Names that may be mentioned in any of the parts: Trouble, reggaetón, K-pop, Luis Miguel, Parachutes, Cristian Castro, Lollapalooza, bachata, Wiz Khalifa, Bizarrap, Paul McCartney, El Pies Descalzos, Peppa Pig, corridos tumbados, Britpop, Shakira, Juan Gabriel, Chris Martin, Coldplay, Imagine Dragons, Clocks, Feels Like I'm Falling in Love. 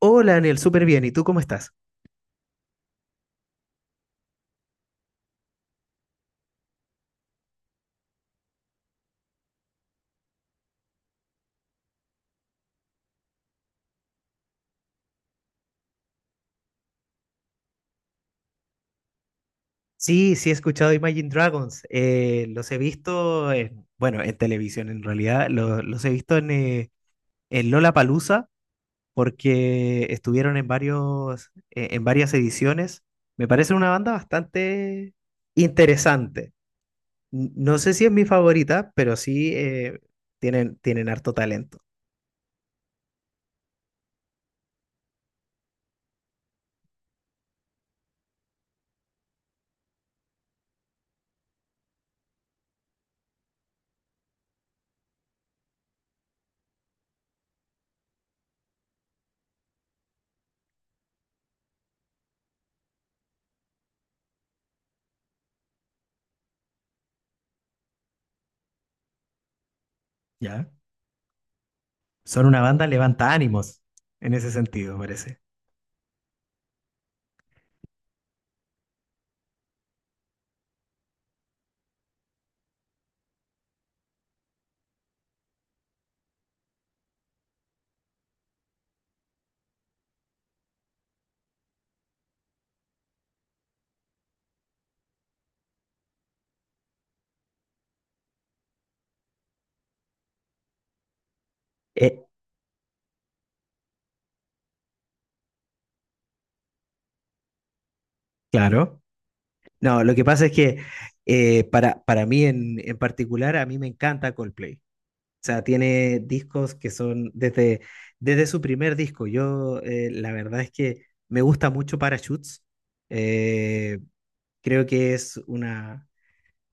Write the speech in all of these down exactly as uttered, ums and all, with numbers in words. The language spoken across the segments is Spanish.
Hola, Daniel, súper bien. ¿Y tú cómo estás? Sí, sí he escuchado Imagine Dragons. Eh, los he visto, en- bueno, en televisión en realidad. Lo- los he visto en, eh, en Lollapalooza porque estuvieron en varios, eh, en varias ediciones. Me parece una banda bastante interesante. N- No sé si es mi favorita, pero sí eh, tienen, tienen harto talento. ¿Ya? Son una banda levanta ánimos, en ese sentido, parece. Eh, claro. No, lo que pasa es que eh, para, para mí en, en particular, a mí me encanta Coldplay. O sea, tiene discos que son desde, desde su primer disco. Yo, eh, la verdad es que me gusta mucho Parachutes. Eh, Creo que es una,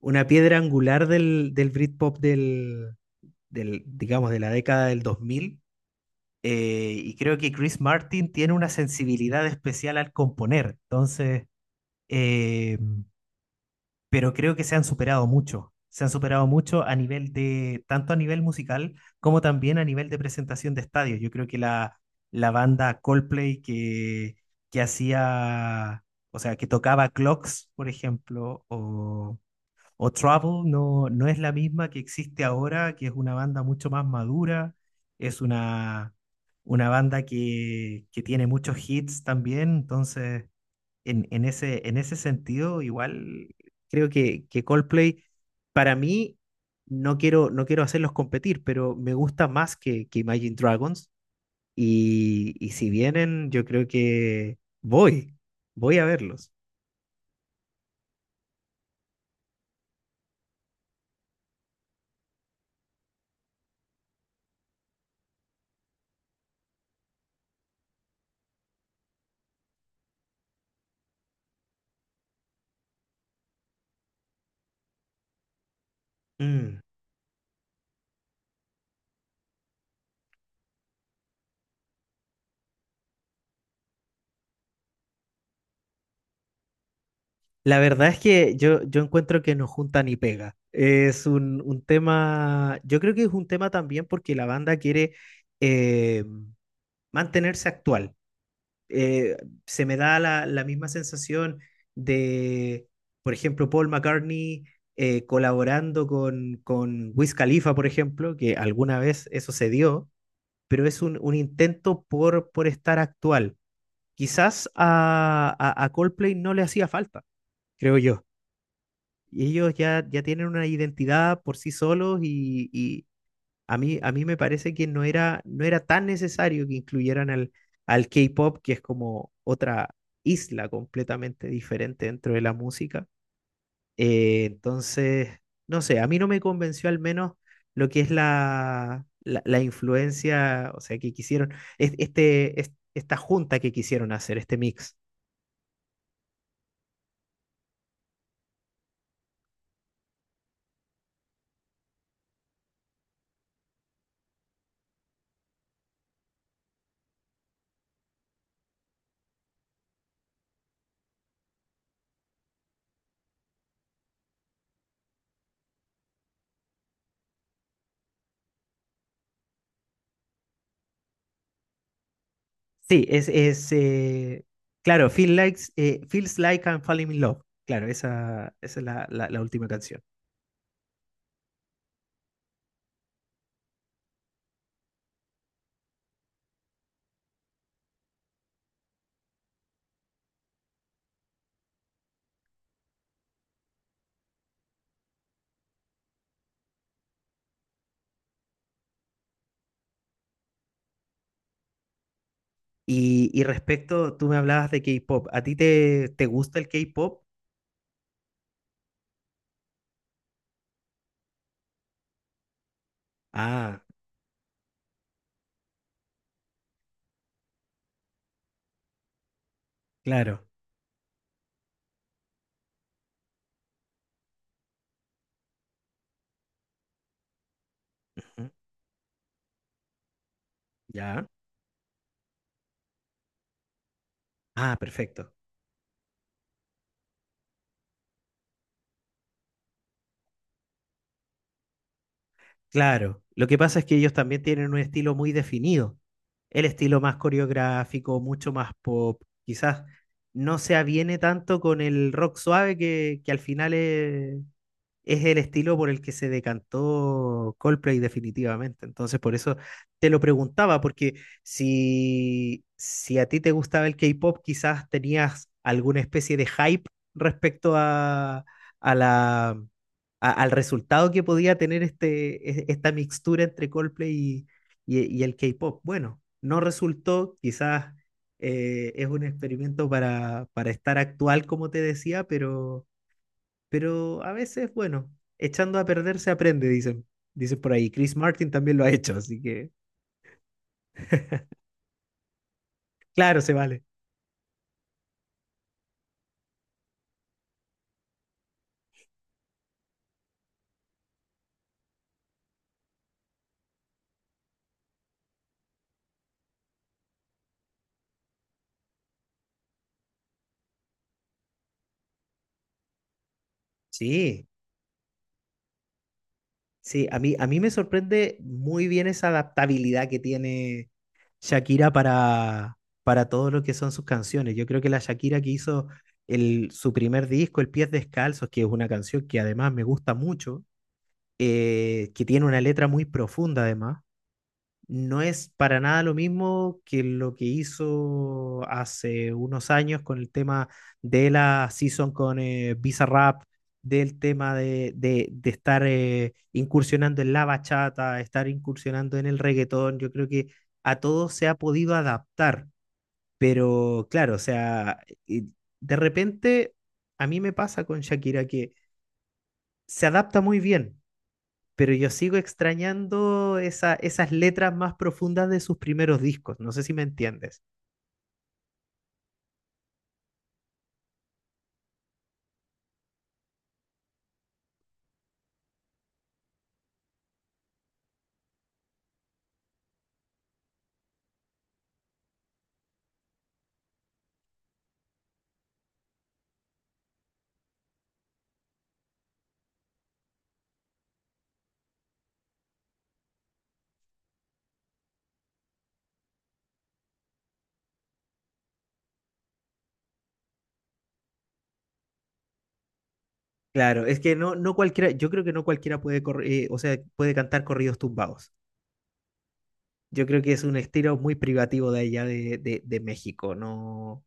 una piedra angular del, del Britpop del, del, digamos, de la década del dos mil. Eh, y creo que Chris Martin tiene una sensibilidad especial al componer. Entonces, eh, pero creo que se han superado mucho. Se han superado mucho a nivel de, tanto a nivel musical como también a nivel de presentación de estadios. Yo creo que la, la banda Coldplay que, que hacía, o sea, que tocaba Clocks, por ejemplo, o o Trouble no, no es la misma que existe ahora, que es una banda mucho más madura, es una, una banda que, que tiene muchos hits también, entonces en, en ese, en ese sentido igual creo que, que Coldplay, para mí, no quiero, no quiero hacerlos competir, pero me gusta más que, que Imagine Dragons, y, y si vienen yo creo que voy, voy a verlos. Mm. La verdad es que yo, yo encuentro que no junta ni pega. Es un, un tema, yo creo que es un tema también porque la banda quiere eh, mantenerse actual. Eh, Se me da la, la misma sensación de, por ejemplo, Paul McCartney eh, colaborando con, con Wiz Khalifa, por ejemplo, que alguna vez eso se dio, pero es un, un intento por, por estar actual. Quizás a, a a Coldplay no le hacía falta, creo yo, y ellos ya, ya tienen una identidad por sí solos, y, y a mí, a mí me parece que no era, no era tan necesario que incluyeran al, al K-pop, que es como otra isla completamente diferente dentro de la música. Eh, entonces, no sé, a mí no me convenció al menos lo que es la, la, la influencia, o sea, que quisieron, es- este, es- esta junta que quisieron hacer, este mix. Sí, es, es eh, claro, Feel Likes, eh, Feels Like I'm Falling in Love. Claro, esa, esa es la, la- la última canción. Y, y respecto, tú me hablabas de K-pop. ¿A ti te, te gusta el K-pop? Ah, claro. Ujú. Ya. Ah, perfecto. Claro. Lo que pasa es que ellos también tienen un estilo muy definido. El estilo más coreográfico, mucho más pop. Quizás no se aviene tanto con el rock suave que, que al final es. es el estilo por el que se decantó Coldplay definitivamente. Entonces, por eso te lo preguntaba, porque si, si a ti te gustaba el K-pop, quizás tenías alguna especie de hype respecto a, a la, a- al resultado que podía tener este, e- esta mixtura entre Coldplay y, y- y el K-pop. Bueno, no resultó, quizás eh, es un experimento para, para estar actual, como te decía, pero pero a veces, bueno, echando a perder se aprende, dicen. Dicen por ahí. Chris Martin también lo ha hecho, así que claro, se vale. Sí, sí, a mí, a mí me sorprende muy bien esa adaptabilidad que tiene Shakira para, para todo lo que son sus canciones. Yo creo que la Shakira que hizo el, su primer disco, El Pies Descalzos, que es una canción que además me gusta mucho, eh, que tiene una letra muy profunda además, no es para nada lo mismo que lo que hizo hace unos años con el tema de la season con eh, Bizarrap, del tema de, de, de estar eh, incursionando en la bachata, estar incursionando en el reggaetón. Yo creo que a todo se ha podido adaptar, pero claro, o sea, y de repente a mí me pasa con Shakira que se adapta muy bien, pero yo sigo extrañando esa, esas letras más profundas de sus primeros discos, no sé si me entiendes. Claro, es que no, no cualquiera, yo creo que no cualquiera puede, corri- eh, o sea, puede cantar corridos tumbados. Yo creo que es un estilo muy privativo de allá de, de, de México, no,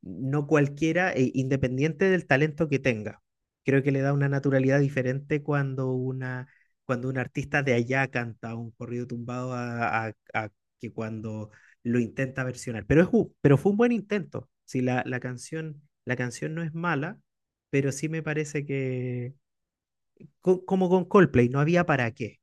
no cualquiera, e independiente del talento que tenga. Creo que le da una naturalidad diferente cuando una, cuando un artista de allá canta un corrido tumbado a, a- a que cuando lo intenta versionar. Pero, es, un- pero fue un buen intento. Si la, la canción, la canción no es mala, pero sí me parece que, co- como con Coldplay, no había para qué.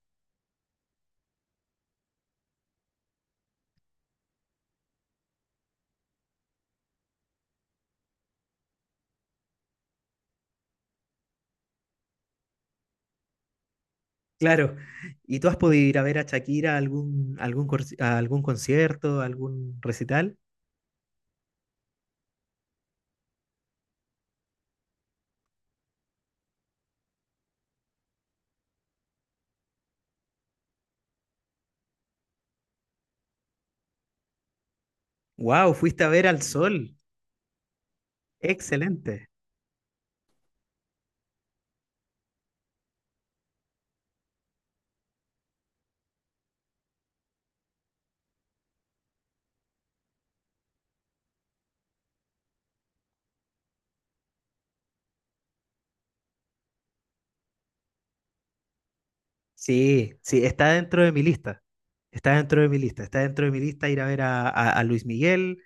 Claro. ¿Y tú has podido ir a ver a Shakira a algún, algún, cor- a algún concierto, a algún recital? ¡Wow! Fuiste a ver al sol. Excelente. Sí, sí, está dentro de mi lista. Está dentro de mi lista. Está dentro de mi lista ir a ver a, a- a Luis Miguel.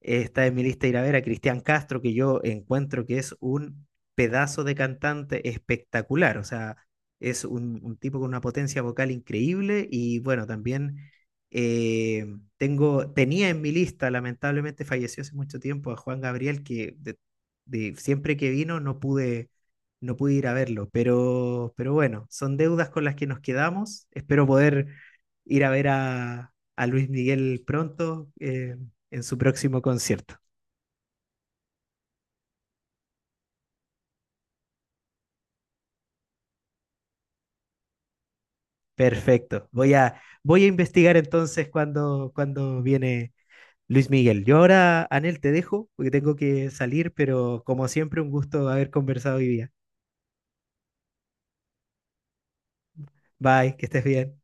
Eh, Está en mi lista ir a ver a Cristian Castro, que yo encuentro que es un pedazo de cantante espectacular. O sea, es un, un tipo con una potencia vocal increíble. Y bueno, también eh, tengo, tenía en mi lista, lamentablemente falleció hace mucho tiempo, a Juan Gabriel, que de- de- siempre que vino no pude, no pude, ir a verlo. Pero, pero bueno, son deudas con las que nos quedamos. Espero poder ir a ver a, a Luis Miguel pronto, eh, en su próximo concierto. Perfecto. Voy a, voy a investigar entonces cuando, cuando viene Luis Miguel. Yo ahora, Anel, te dejo porque tengo que salir, pero como siempre, un gusto haber conversado hoy día. Bye, que estés bien.